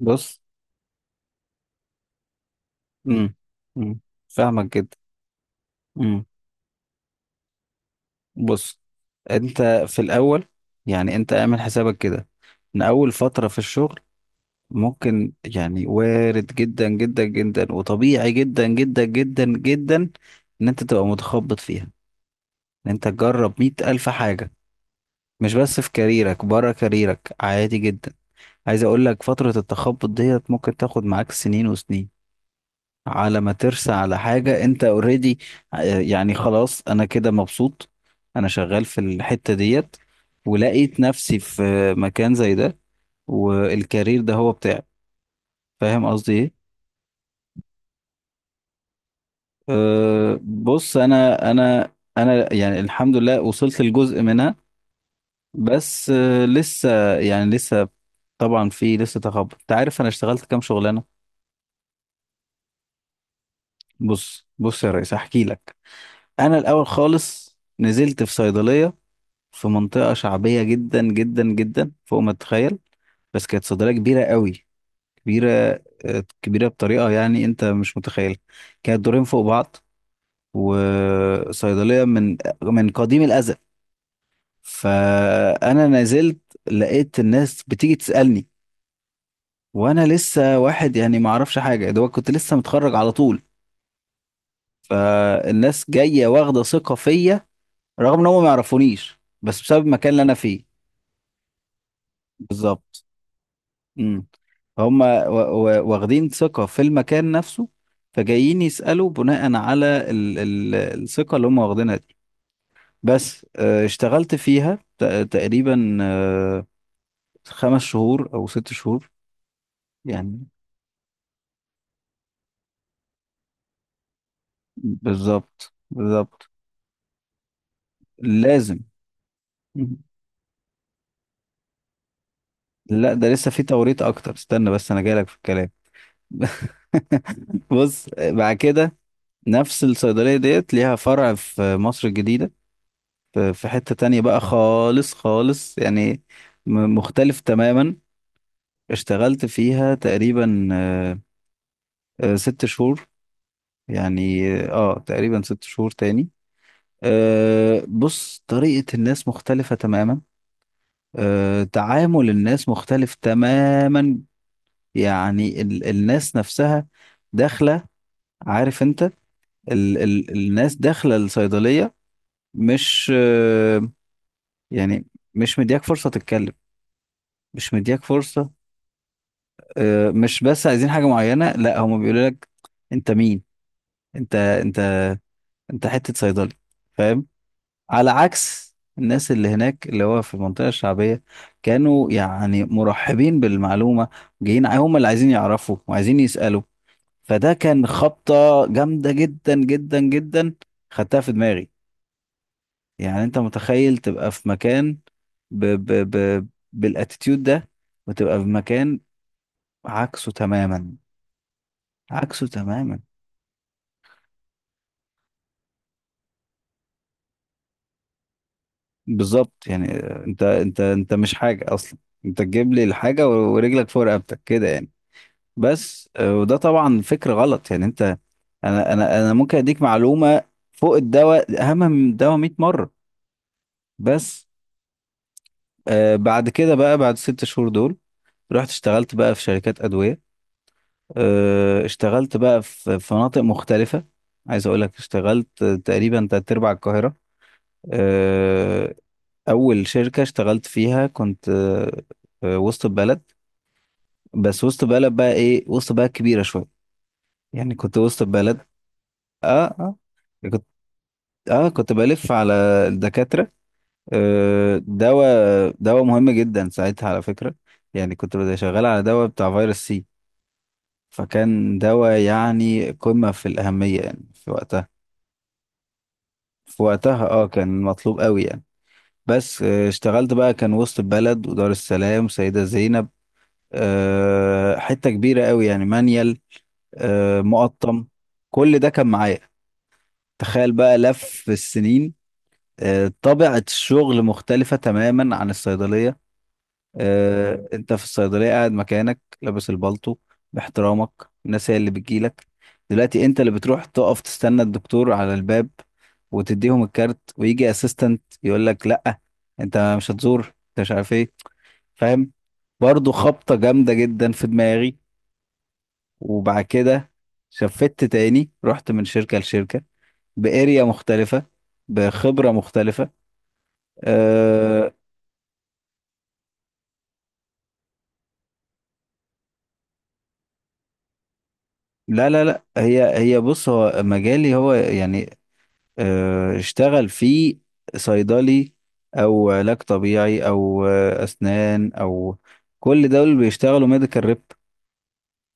بص. امم امم فاهمك جدا. امم بص، انت في الاول، يعني انت اعمل حسابك كده ان اول فترة في الشغل ممكن، يعني وارد جدا جدا جدا وطبيعي جدا جدا جدا جدا ان انت تبقى متخبط فيها، ان انت تجرب مية الف حاجة، مش بس في كاريرك، بره كاريرك عادي جدا. عايز اقول لك فترة التخبط ديت ممكن تاخد معاك سنين وسنين على ما ترسى على حاجة انت اوريدي. يعني خلاص انا كده مبسوط، انا شغال في الحتة ديت ولقيت نفسي في مكان زي ده، والكارير ده هو بتاعي. فاهم قصدي ايه؟ أه بص، انا يعني الحمد لله وصلت لجزء منها. بس أه لسه يعني لسه، طبعا في لسه تخبط. انت عارف انا اشتغلت كام شغلانة؟ بص بص يا ريس احكي لك. انا الاول خالص نزلت في صيدلية في منطقة شعبية جدا جدا جدا فوق ما تتخيل، بس كانت صيدلية كبيرة قوي. كبيرة، كبيرة بطريقة يعني انت مش متخيل. كانت دورين فوق بعض وصيدلية من قديم الأزل. فأنا نزلت لقيت الناس بتيجي تسألني، وأنا لسه واحد يعني ما أعرفش حاجة دوت، كنت لسه متخرج على طول. فالناس جاية واخدة ثقة فيا رغم إن هم ما يعرفونيش، بس بسبب المكان اللي أنا فيه. بالظبط. امم هم واخدين ثقة في المكان نفسه، فجايين يسألوا بناء على ال ال الثقة اللي هم واخدينها دي. بس اشتغلت فيها تقريبا خمس شهور أو ست شهور يعني. بالظبط بالظبط. لازم. مم. لا ده لسه في توريط أكتر، استنى بس أنا جايلك في الكلام. بص بعد كده نفس الصيدلية ديت ليها فرع في مصر الجديدة، في حتة تانية بقى خالص خالص يعني، مختلف تماما. اشتغلت فيها تقريبا ست شهور، يعني تقريبا ست شهور تاني. بص طريقة الناس مختلفة تماما، تعامل الناس مختلف تماما. يعني الناس نفسها داخلة، عارف انت، ال ال الناس داخلة الصيدلية مش يعني مش مدياك فرصة تتكلم، مش مدياك فرصة. مش بس عايزين حاجة معينة، لا هم بيقولوا لك انت مين. انت انت انت حتة صيدلي، فاهم؟ على عكس الناس اللي هناك اللي هو في المنطقة الشعبية، كانوا يعني مرحبين بالمعلومة، جايين هم اللي عايزين يعرفوا وعايزين يسألوا. فده كان خبطة جامدة جدا جدا جدا، خدتها في دماغي. يعني انت متخيل تبقى في مكان ب ب ب بالاتيتيود ده، وتبقى في مكان عكسه تماما، عكسه تماما. بالظبط. يعني انت مش حاجه اصلا، انت تجيب لي الحاجه ورجلك فوق رقبتك كده يعني. بس وده طبعا فكر غلط. يعني انت، انا ممكن اديك معلومه فوق الدواء اهم من الدواء 100 مره. بس بعد كده بقى، بعد ست شهور دول رحت اشتغلت بقى في شركات ادويه. اشتغلت بقى في مناطق مختلفه. عايز اقول لك اشتغلت تقريبا تلات ارباع القاهره. آه، اول شركه اشتغلت فيها كنت وسط البلد. بس وسط بلد بقى ايه؟ وسط بلد كبيرة شوية، يعني كنت وسط بلد. اه كنت، اه كنت بلف على الدكاترة. آه دواء، دواء مهم جدا ساعتها على فكرة. يعني كنت بدي شغال على دواء بتاع فيروس سي، فكان دواء يعني قمة في الأهمية يعني في وقتها. في وقتها اه كان مطلوب قوي يعني. بس آه اشتغلت بقى، كان وسط البلد ودار السلام سيدة زينب، آه حتة كبيرة قوي يعني مانيال، آه مقطم، كل ده كان معايا. تخيل بقى لف السنين. طبيعة الشغل مختلفة تماما عن الصيدلية. انت في الصيدلية قاعد مكانك لابس البلطو، باحترامك الناس هي اللي بتجيلك. دلوقتي انت اللي بتروح تقف تستنى الدكتور على الباب وتديهم الكارت، ويجي اسيستنت يقول لك لا انت مش هتزور، انت مش عارف ايه. فاهم؟ برضه خبطة جامدة جدا في دماغي. وبعد كده شفت تاني، رحت من شركة لشركة، باريا مختلفة، بخبرة مختلفة. أه. لا لا لا هي هي، بص هو مجالي هو يعني، أه اشتغل في صيدلي او علاج طبيعي او اسنان او، كل دول بيشتغلوا ميديكال ريب.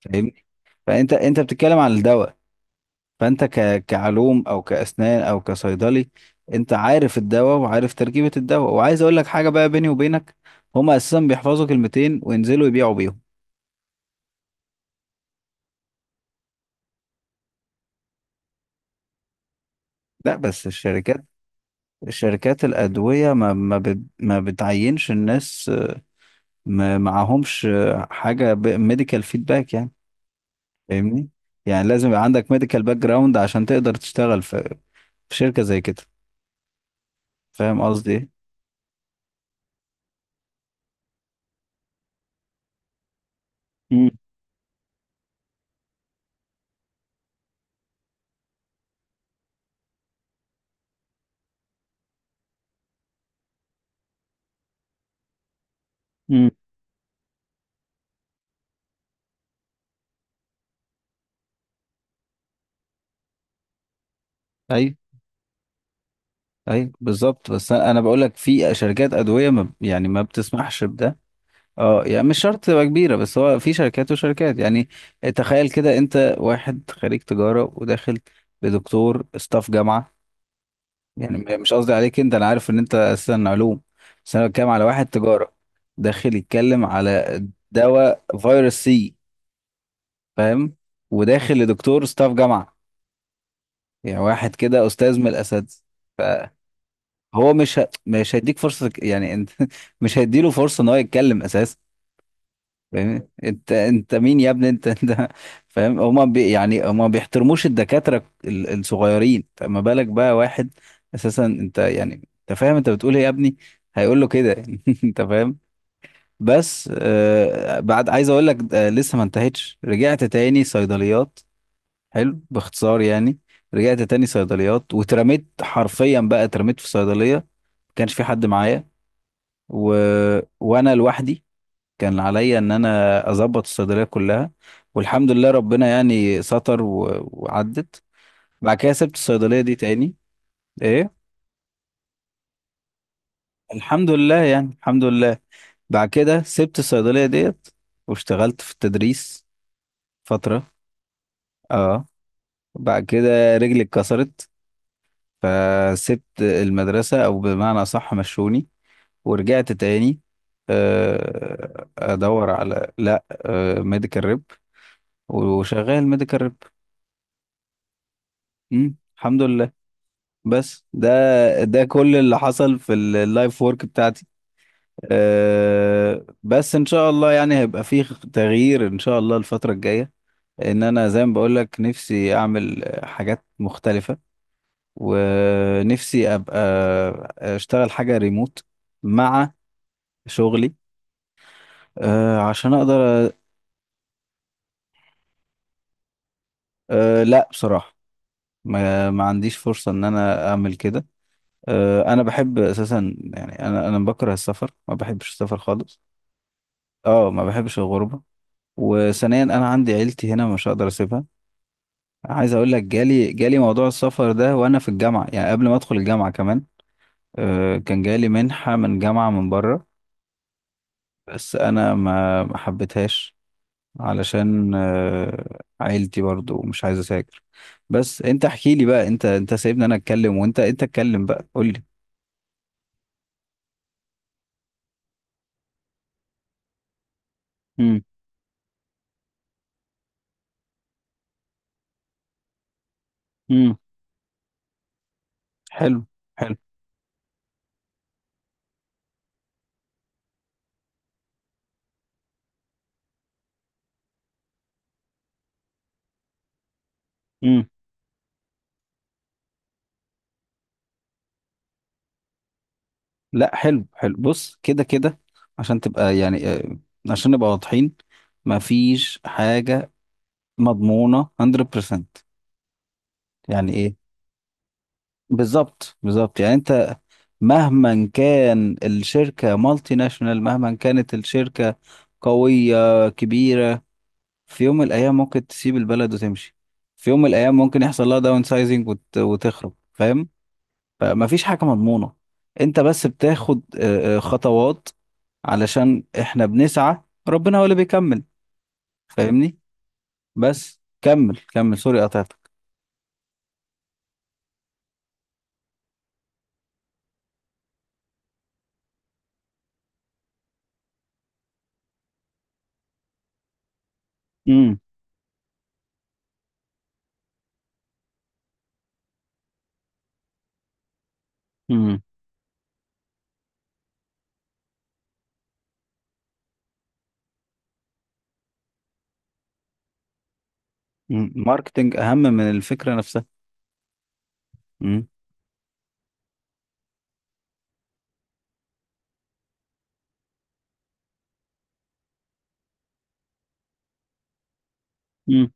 فاهمني؟ فانت انت بتتكلم عن الدواء، فانت كعلوم او كاسنان او كصيدلي، انت عارف الدواء وعارف تركيبة الدواء. وعايز اقول لك حاجة بقى بيني وبينك، هما اساسا بيحفظوا كلمتين وينزلوا يبيعوا بيهم. لا بس الشركات، شركات الأدوية ما بتعينش الناس ما معهمش حاجة ميديكال فيدباك يعني. فاهمني؟ يعني لازم يبقى عندك ميديكال باك جراوند عشان تقدر تشتغل في شركة زي كده. فاهم قصدي ايه؟ مم. مم. ايوه. ايوه بالظبط، بس انا، أنا بقول لك في شركات ادويه ما يعني ما بتسمحش بده. اه يعني مش شرط تبقى كبيره، بس هو في شركات وشركات يعني. تخيل كده انت واحد خريج تجاره وداخل بدكتور استاف جامعه. يعني مش قصدي عليك انت، انا عارف ان انت اساسا علوم، بس انا بتكلم على واحد تجاره داخل يتكلم على دواء فيروس سي، فاهم؟ وداخل لدكتور ستاف جامعه، يعني واحد كده استاذ من الاساتذه. فهو مش هيديك فرصه يعني انت. مش هيديله فرصه ان هو يتكلم اساسا. فاهمني؟ انت مين يا ابني؟ انت فاهم، هما بي يعني هما ما بيحترموش الدكاترة الصغيرين، فما بالك بقى واحد اساسا انت يعني، انت فاهم انت بتقول ايه يا ابني؟ هيقول له كده. انت فاهم؟ بس آه بعد، عايز اقول لك آه لسه ما انتهتش. رجعت تاني صيدليات. حلو باختصار يعني، رجعت تاني صيدليات واترميت حرفيا، بقى اترميت في صيدلية ما كانش في حد معايا و... وانا لوحدي. كان عليا ان انا اظبط الصيدليه كلها، والحمد لله ربنا يعني ستر وعدت. بعد كده سبت الصيدليه دي تاني. ايه، الحمد لله يعني الحمد لله. بعد كده سبت الصيدليه ديت واشتغلت في التدريس فتره. اه، بعد كده رجلي اتكسرت فسبت المدرسه او بمعنى اصح مشوني. ورجعت تاني ادور على لا ميديكال ريب، وشغال ميديكال ريب الحمد لله. بس ده، ده كل اللي حصل في اللايف وورك بتاعتي. أه بس ان شاء الله يعني هيبقى فيه تغيير ان شاء الله الفترة الجاية. ان انا زي ما بقول لك نفسي اعمل حاجات مختلفة ونفسي ابقى اشتغل حاجة ريموت مع شغلي، أه عشان اقدر. أه لا بصراحة ما عنديش فرصة ان انا اعمل كده. أه انا بحب اساسا يعني، انا بكره السفر، ما بحبش السفر خالص. اه ما بحبش الغربة. وثانيا انا عندي عيلتي هنا مش هقدر اسيبها. عايز اقول لك جالي موضوع السفر ده وانا في الجامعة، يعني قبل ما ادخل الجامعة كمان. كان جالي منحة من جامعة من بره، بس انا ما حبيتهاش علشان عيلتي برضو مش عايز اسافر. بس انت احكي لي بقى، انت سايبني انا اتكلم وانت انت اتكلم بقى قول لي. امم امم حلو حلو. لا حلو حلو، بص كده كده عشان تبقى يعني عشان نبقى واضحين، مفيش حاجة مضمونة 100%. يعني ايه؟ بالظبط بالظبط. يعني انت مهما كان الشركة مالتي ناشونال، مهما كانت الشركة قوية كبيرة، في يوم من الأيام ممكن تسيب البلد وتمشي، في يوم من الأيام ممكن يحصل لها داون سايزنج وتخرب، فاهم؟ فمفيش حاجة مضمونة، انت بس بتاخد خطوات، علشان احنا بنسعى، ربنا هو اللي بيكمل. فاهمني؟ بس كمل كمل، سوري قطعتك. امم امم ماركتنج اهم من الفكرة نفسها. امم امم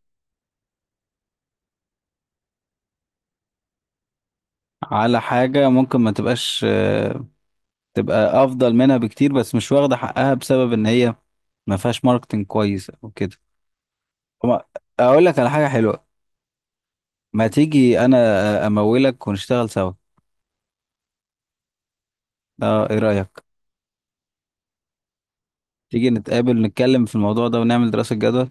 على حاجة ممكن ما تبقاش تبقى افضل منها بكتير، بس مش واخدة حقها بسبب ان هي ما فيهاش ماركتنج كويس او كده. وما- اقول لك على حاجة حلوة، ما تيجي انا امولك ونشتغل سوا. اه ايه رأيك؟ تيجي نتقابل نتكلم في الموضوع ده ونعمل دراسة جدوى.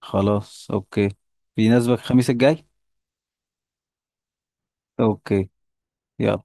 خلاص اوكي، بيناسبك الخميس الجاي؟ اوكي يلا.